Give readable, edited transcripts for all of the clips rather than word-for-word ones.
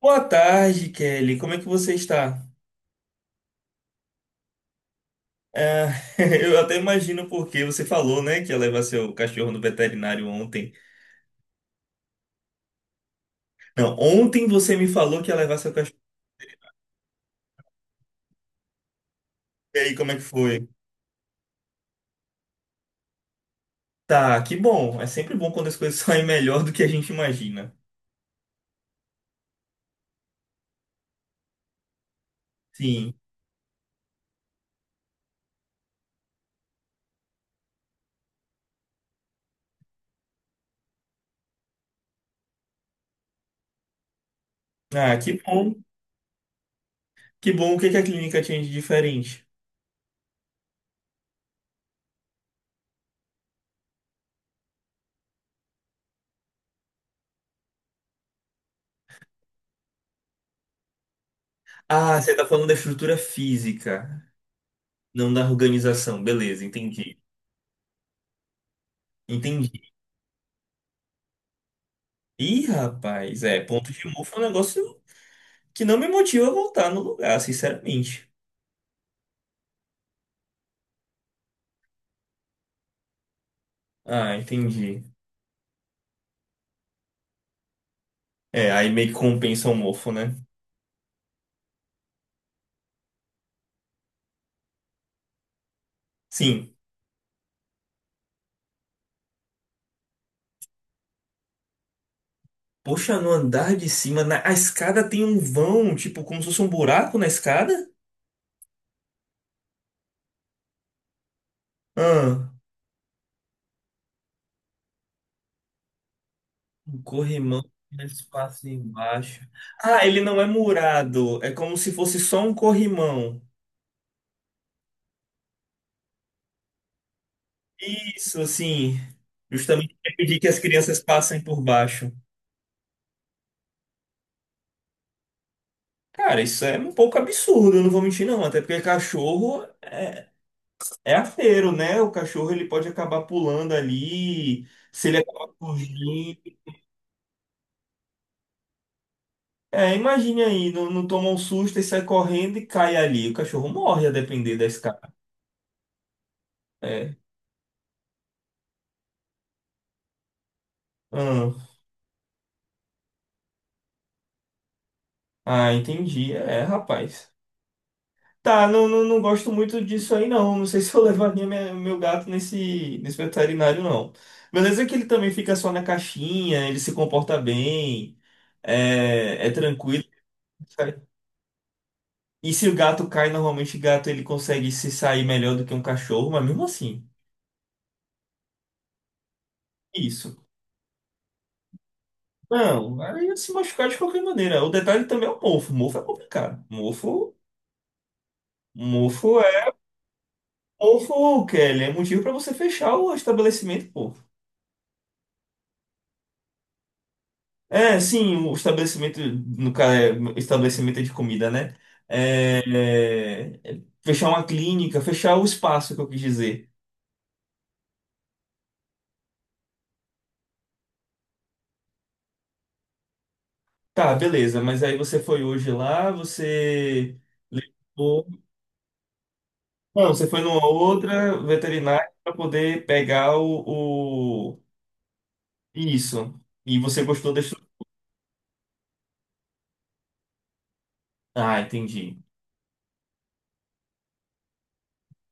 Boa tarde, Kelly. Como é que você está? É, eu até imagino porque você falou, né, que ia levar seu cachorro no veterinário ontem. Não, ontem você me falou que ia levar seu cachorro. E aí, como é que foi? Tá, que bom. É sempre bom quando as coisas saem melhor do que a gente imagina. Sim. Ah, que bom. Que bom. O que é que a clínica tinha de diferente? Ah, você tá falando da estrutura física, não da organização. Beleza, entendi. Entendi. Ih, rapaz, é, ponto de mofo é um negócio que não me motiva a voltar no lugar, sinceramente. Ah, entendi. É, aí meio que compensa o mofo, né? Sim. Poxa, no andar de cima, na... a escada tem um vão, tipo, como se fosse um buraco na escada? Ah, um corrimão, um espaço embaixo. Ah, ele não é murado, é como se fosse só um corrimão. Isso, assim, justamente pra impedir que as crianças passem por baixo. Cara, isso é um pouco absurdo, eu não vou mentir não, até porque cachorro é. É arteiro, né? O cachorro ele pode acabar pulando ali, se ele acabar fugindo. É, imagine aí, não, não toma um susto e sai correndo e cai ali. O cachorro morre a depender da escada. É. Hum. Ah, entendi. É, rapaz. Tá, não, não, não gosto muito disso aí, não. Não sei se eu levaria meu gato nesse, nesse veterinário, não. Beleza que ele também fica só na caixinha, ele se comporta bem, é, é tranquilo. E se o gato cai, normalmente o gato ele consegue se sair melhor do que um cachorro, mas mesmo assim, isso. Não, aí ia se machucar de qualquer maneira. O detalhe também é o mofo. Mofo é complicado. Mofo é. Mofo, Kelly, é motivo para você fechar o estabelecimento, pô. É, sim, o estabelecimento, no caso, é, estabelecimento de comida, né? É, é, fechar uma clínica, fechar o espaço que eu quis dizer. Tá, beleza, mas aí você foi hoje lá, você. Levou. Não, você foi numa outra veterinária para poder pegar o. Isso. E você gostou da estrutura. Ah, entendi.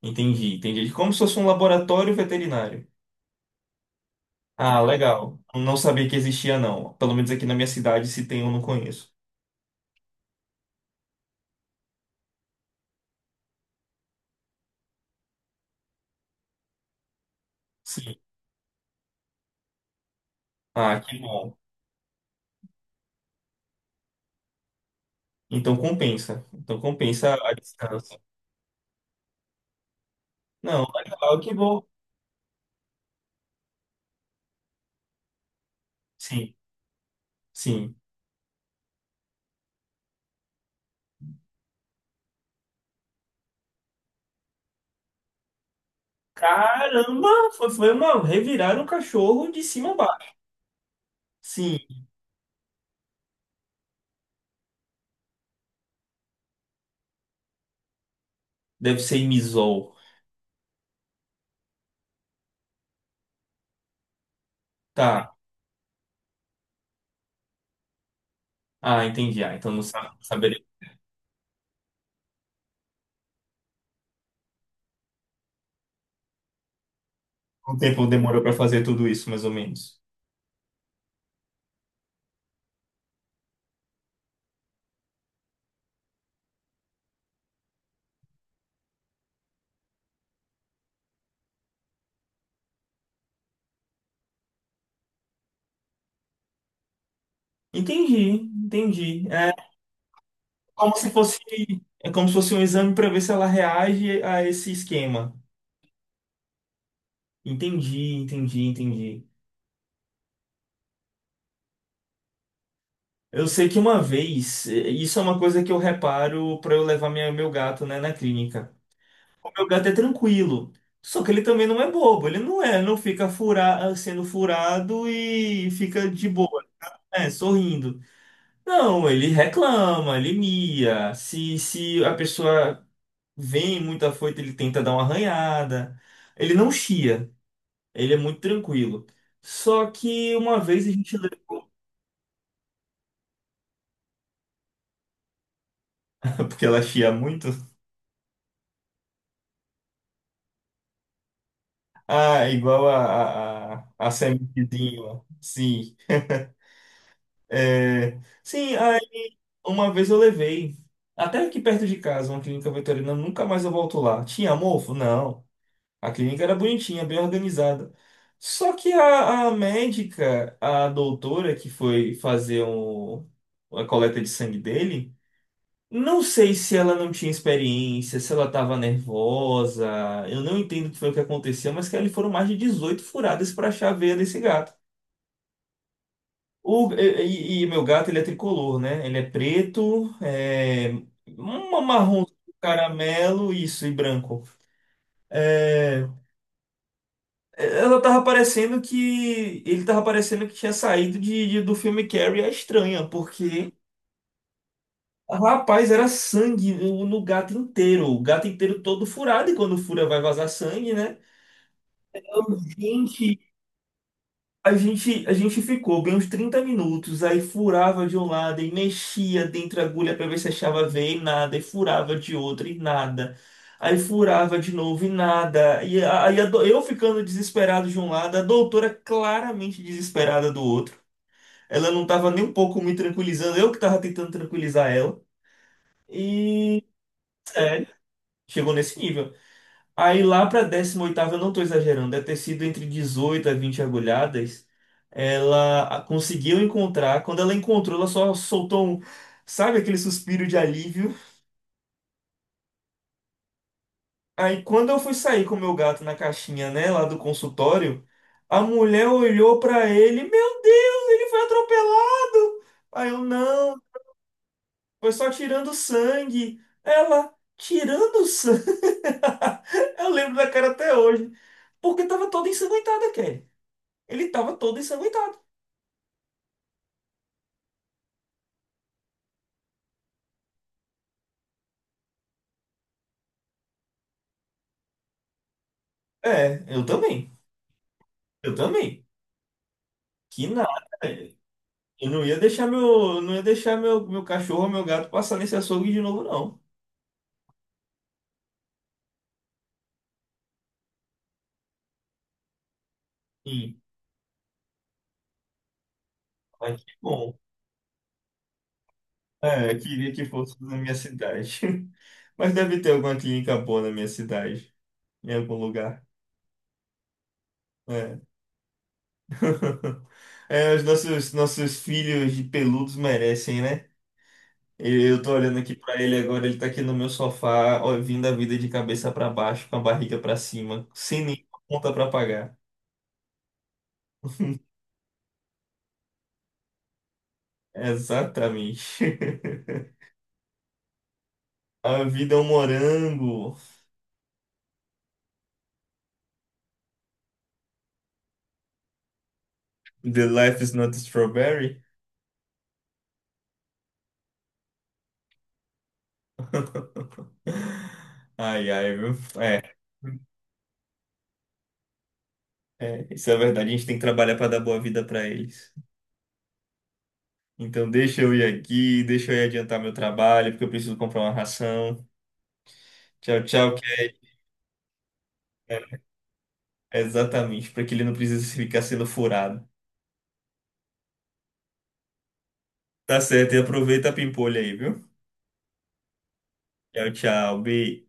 Entendi, entendi. Como se fosse um laboratório veterinário. Ah, legal. Não sabia que existia, não. Pelo menos aqui na minha cidade, se tem, eu não conheço. Sim. Ah, que bom. Então compensa. Então compensa a distância. Não, legal, que bom. Sim, sim. Caramba, foi uma. Reviraram um cachorro de cima a baixo. Sim, deve ser imisol. Tá. Ah, entendi. Ah, então não saberia quanto tempo demorou para fazer tudo isso, mais ou menos. Entendi, entendi. Como se fosse, é como se fosse um exame para ver se ela reage a esse esquema. Entendi, entendi, entendi. Eu sei que uma vez, isso é uma coisa que eu reparo para eu levar minha, meu gato, né, na clínica. O meu gato é tranquilo, só que ele também não é bobo, ele não é, não fica fura, sendo furado e fica de boa, né, sorrindo. Não, ele reclama, ele mia. Se a pessoa vem muito afoito, ele tenta dar uma arranhada. Ele não chia, ele é muito tranquilo. Só que uma vez a gente. Porque ela chia muito. Ah, igual a, a sementezinha. Ó. Sim. É, sim, aí uma vez eu levei. Até aqui perto de casa, uma clínica veterinária, nunca mais eu volto lá. Tinha mofo? Não. A clínica era bonitinha, bem organizada. Só que a médica, a doutora que foi fazer um, a coleta de sangue dele, não sei se ela não tinha experiência, se ela estava nervosa, eu não entendo o que foi o que aconteceu, mas que ali foram mais de 18 furadas para achar a veia desse gato. E meu gato, ele é tricolor, né? Ele é preto, é, um marrom, caramelo, isso, e branco. É, Ela tava parecendo que. Ele tava parecendo que tinha saído do filme Carrie a Estranha, porque. Rapaz, era sangue no, no gato inteiro. O gato inteiro todo furado, e quando fura vai vazar sangue, né? Eu, Gente, A gente, a gente ficou bem uns 30 minutos, aí furava de um lado e mexia dentro da agulha para ver se achava veia e nada, e furava de outra e nada. Aí furava de novo e nada. E eu ficando desesperado de um lado, a doutora claramente desesperada do outro. Ela não tava nem um pouco me tranquilizando, eu que tava tentando tranquilizar ela. E, sério, chegou nesse nível. Aí lá para a décima oitava eu não estou exagerando, deve ter sido entre 18 a 20 agulhadas. Conseguiu encontrar. Quando ela encontrou, ela só soltou um, sabe, aquele suspiro de alívio. Aí quando eu fui sair com o meu gato na caixinha, né, lá do consultório, a mulher olhou para ele, meu Deus, ele foi atropelado. Aí eu, não, foi só tirando sangue. Ela, tirando sangue? Eu lembro da cara até hoje. Porque tava toda ensanguentada, ele tava todo ensanguentado. É, eu também. Eu também. Que nada. Eu não ia deixar meu, não ia deixar meu cachorro, meu gato passar nesse açougue de novo, não. Sim, mas que bom. É, eu queria que fosse na minha cidade. Mas deve ter alguma clínica boa na minha cidade, em algum lugar. É. É, os nossos, nossos filhos de peludos merecem, né? Eu tô olhando aqui pra ele agora, ele tá aqui no meu sofá, ó, vindo a vida de cabeça pra baixo, com a barriga pra cima, sem nenhuma conta pra pagar. Exatamente. A vida é um morango. The life is not a strawberry. Ai, ai, viu? É, é, isso é verdade. A gente tem que trabalhar pra dar boa vida pra eles. Então deixa eu ir aqui, deixa eu ir adiantar meu trabalho, porque eu preciso comprar uma ração. Tchau, tchau, que é. É exatamente, pra que ele não precise ficar sendo furado. Tá certo, e aproveita a pimpolha aí, viu? Tchau, tchau, Bi.